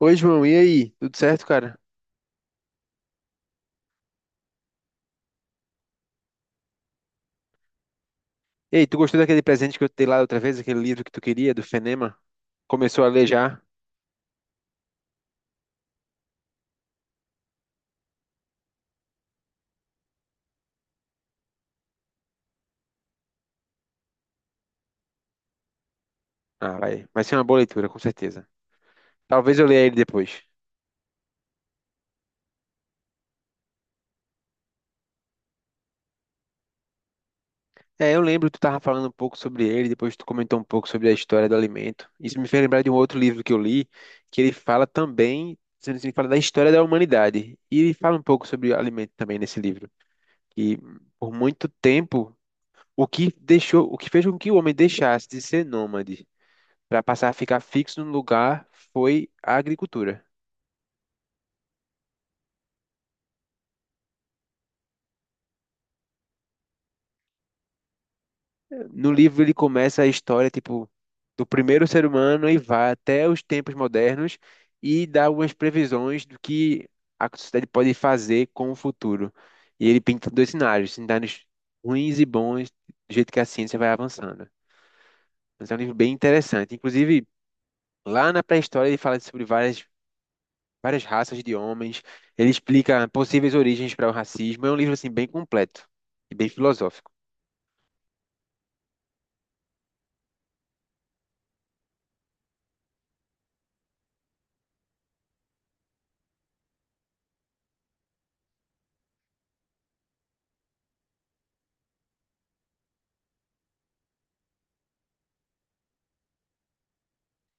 Oi, João, e aí? Tudo certo, cara? Ei, tu gostou daquele presente que eu te dei lá outra vez, aquele livro que tu queria, do Fenema? Começou a ler já? Ah, vai. Vai ser uma boa leitura, com certeza. Talvez eu leia ele depois. É, eu lembro que tu tava falando um pouco sobre ele, depois tu comentou um pouco sobre a história do alimento. Isso me fez lembrar de um outro livro que eu li, que ele fala também, sendo assim, fala da história da humanidade. E ele fala um pouco sobre alimento também nesse livro. E por muito tempo, o que deixou, o que fez com que o homem deixasse de ser nômade para passar a ficar fixo no lugar foi a agricultura. No livro ele começa a história tipo do primeiro ser humano e vai até os tempos modernos e dá algumas previsões do que a sociedade pode fazer com o futuro. E ele pinta dois cenários, cenários ruins e bons, do jeito que a ciência vai avançando. Mas é um livro bem interessante. Inclusive, lá na pré-história ele fala sobre várias raças de homens, ele explica possíveis origens para o racismo. É um livro assim bem completo e bem filosófico.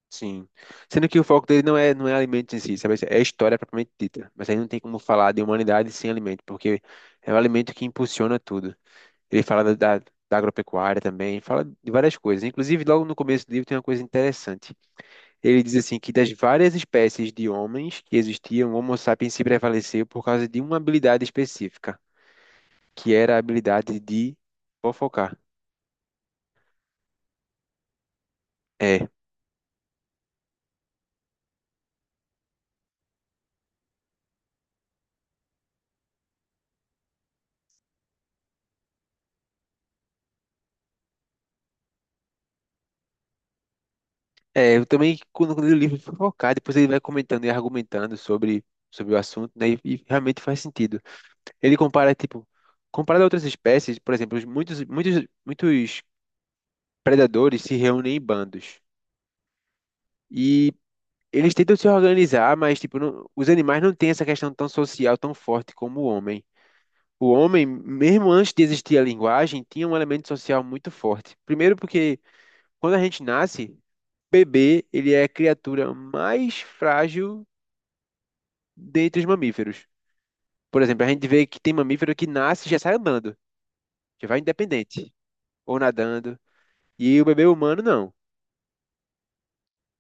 Sim. Sendo que o foco dele não é alimento em si, sabe? É a história propriamente dita. Mas aí não tem como falar de humanidade sem alimento, porque é o alimento que impulsiona tudo. Ele fala da agropecuária também, fala de várias coisas. Inclusive, logo no começo do livro tem uma coisa interessante. Ele diz assim que das várias espécies de homens que existiam, o Homo sapiens se prevaleceu por causa de uma habilidade específica, que era a habilidade de fofocar. É. É, eu também, quando eu li o livro, fui focar, depois ele vai comentando e argumentando sobre o assunto, né, e realmente faz sentido. Ele compara, tipo, comparado a outras espécies, por exemplo, os muitos predadores se reúnem em bandos, e eles tentam se organizar, mas, tipo, os animais não têm essa questão tão social, tão forte como o homem. O homem, mesmo antes de existir a linguagem, tinha um elemento social muito forte. Primeiro porque, quando a gente nasce, bebê, ele é a criatura mais frágil dentre os mamíferos. Por exemplo, a gente vê que tem mamífero que nasce e já sai andando, já vai independente, ou nadando. E o bebê humano não,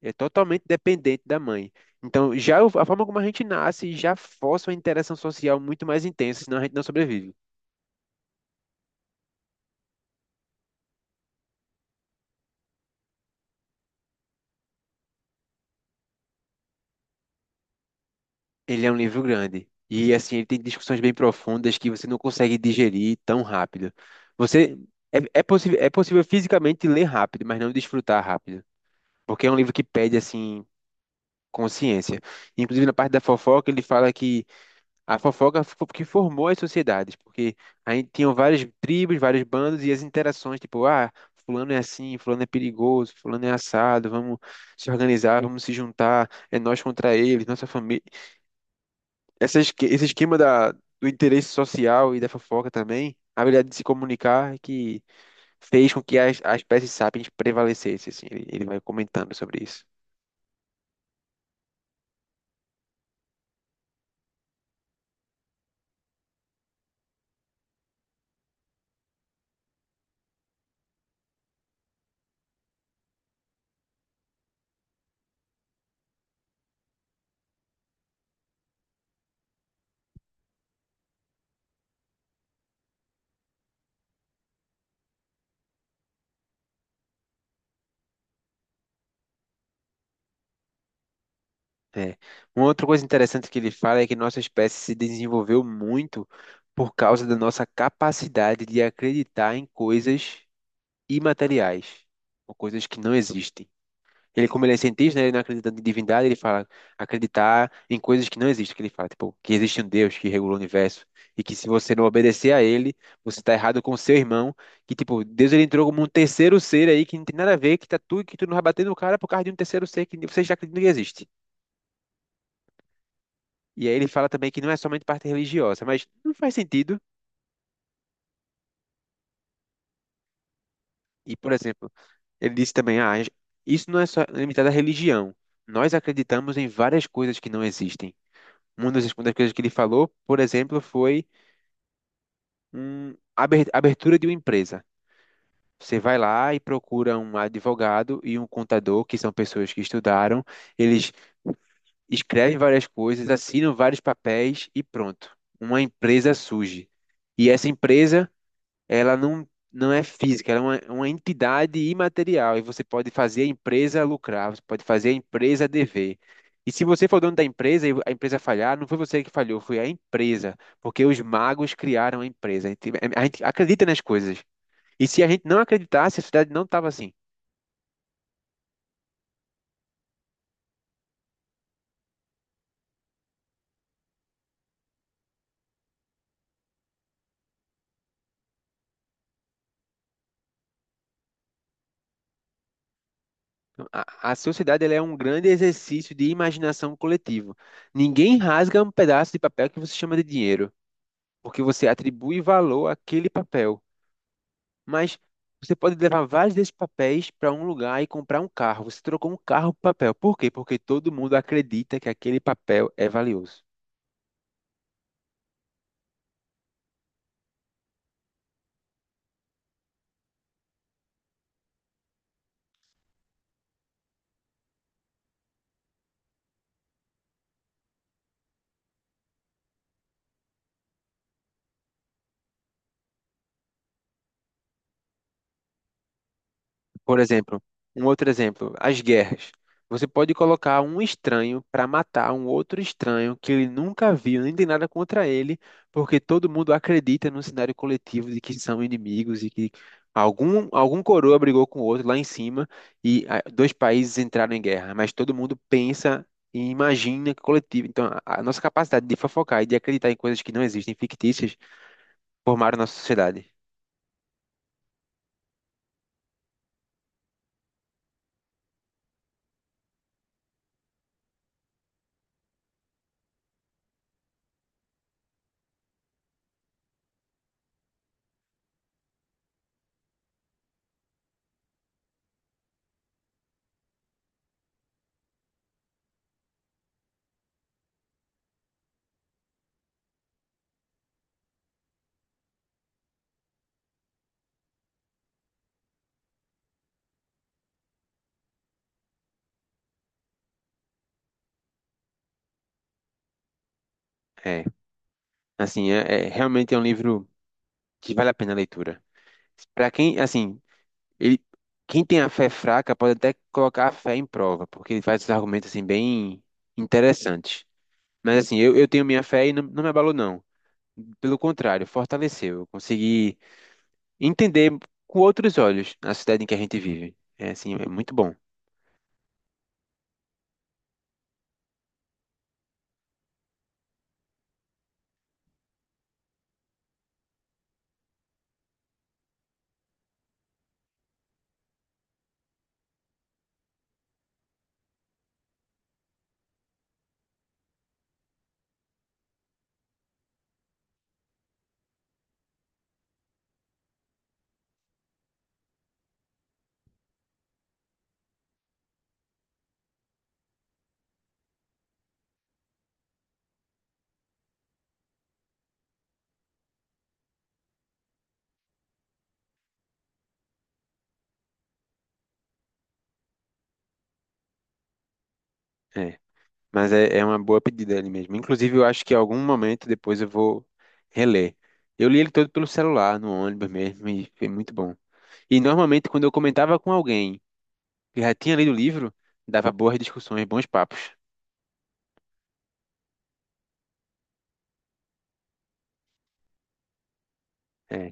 é totalmente dependente da mãe. Então, a forma como a gente nasce já força uma interação social muito mais intensa, senão a gente não sobrevive. Ele é um livro grande. E assim, ele tem discussões bem profundas que você não consegue digerir tão rápido. Você é possível fisicamente ler rápido, mas não desfrutar rápido. Porque é um livro que pede assim consciência. Inclusive, na parte da fofoca, ele fala que a fofoca que formou as sociedades, porque aí tinham várias tribos, vários bandos e as interações, tipo, ah, fulano é assim, fulano é perigoso, fulano é assado, vamos se organizar, vamos se juntar, é nós contra eles, nossa família. Esse esquema do interesse social e da fofoca também, a habilidade de se comunicar, é que fez com que a espécie sapiens prevalecesse. Assim, ele vai comentando sobre isso. É. Uma outra coisa interessante que ele fala é que nossa espécie se desenvolveu muito por causa da nossa capacidade de acreditar em coisas imateriais, ou coisas que não existem. Ele, como ele é cientista, né, ele não acredita em divindade, ele fala acreditar em coisas que não existem, que ele fala, tipo, que existe um Deus que regula o universo e que se você não obedecer a ele, você está errado com seu irmão, que tipo, Deus ele entrou como um terceiro ser aí que não tem nada a ver, que tá tu, que tu não vai bater no cara por causa de um terceiro ser que você já acredita que existe. E aí ele fala também que não é somente parte religiosa, mas não faz sentido. E, por exemplo, ele disse também, ah, isso não é só limitado à religião. Nós acreditamos em várias coisas que não existem. Uma das coisas que ele falou, por exemplo, foi abertura de uma empresa. Você vai lá e procura um advogado e um contador, que são pessoas que estudaram, eles escrevem várias coisas, assinam vários papéis e pronto. Uma empresa surge. E essa empresa ela não é física, ela é uma entidade imaterial e você pode fazer a empresa lucrar, você pode fazer a empresa dever. E se você for dono da empresa e a empresa falhar, não foi você que falhou, foi a empresa, porque os magos criaram a empresa. A gente acredita nas coisas. E se a gente não acreditasse, a sociedade não estava assim. A sociedade ela é um grande exercício de imaginação coletivo. Ninguém rasga um pedaço de papel que você chama de dinheiro, porque você atribui valor àquele papel. Mas você pode levar vários desses papéis para um lugar e comprar um carro. Você trocou um carro por papel. Por quê? Porque todo mundo acredita que aquele papel é valioso. Por exemplo, um outro exemplo, as guerras. Você pode colocar um estranho para matar um outro estranho que ele nunca viu, nem tem nada contra ele, porque todo mundo acredita no cenário coletivo de que são inimigos e que algum coroa brigou com o outro lá em cima e ah, dois países entraram em guerra, mas todo mundo pensa e imagina que coletivo. Então, a nossa capacidade de fofocar e de acreditar em coisas que não existem, fictícias, formaram nossa sociedade. É, é realmente é um livro que vale a pena a leitura. Para quem, assim, ele, quem tem a fé fraca pode até colocar a fé em prova, porque ele faz esses argumentos assim bem interessantes. Mas assim, eu tenho minha fé e não me abalou não. Pelo contrário, fortaleceu. Eu consegui entender com outros olhos a cidade em que a gente vive. É assim, é muito bom. É. Mas é uma boa pedida ali mesmo. Inclusive, eu acho que em algum momento depois eu vou reler. Eu li ele todo pelo celular, no ônibus mesmo, e foi muito bom. E normalmente quando eu comentava com alguém eu já tinha lido o livro, dava boas discussões, bons papos. É,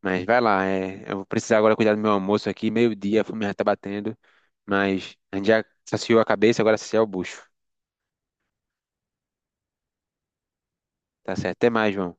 mas vai lá, é, eu vou precisar agora cuidar do meu almoço aqui, meio-dia, a fome já tá batendo, mas a gente já saciou a cabeça, agora saciar o bucho. Tá certo, até mais, João.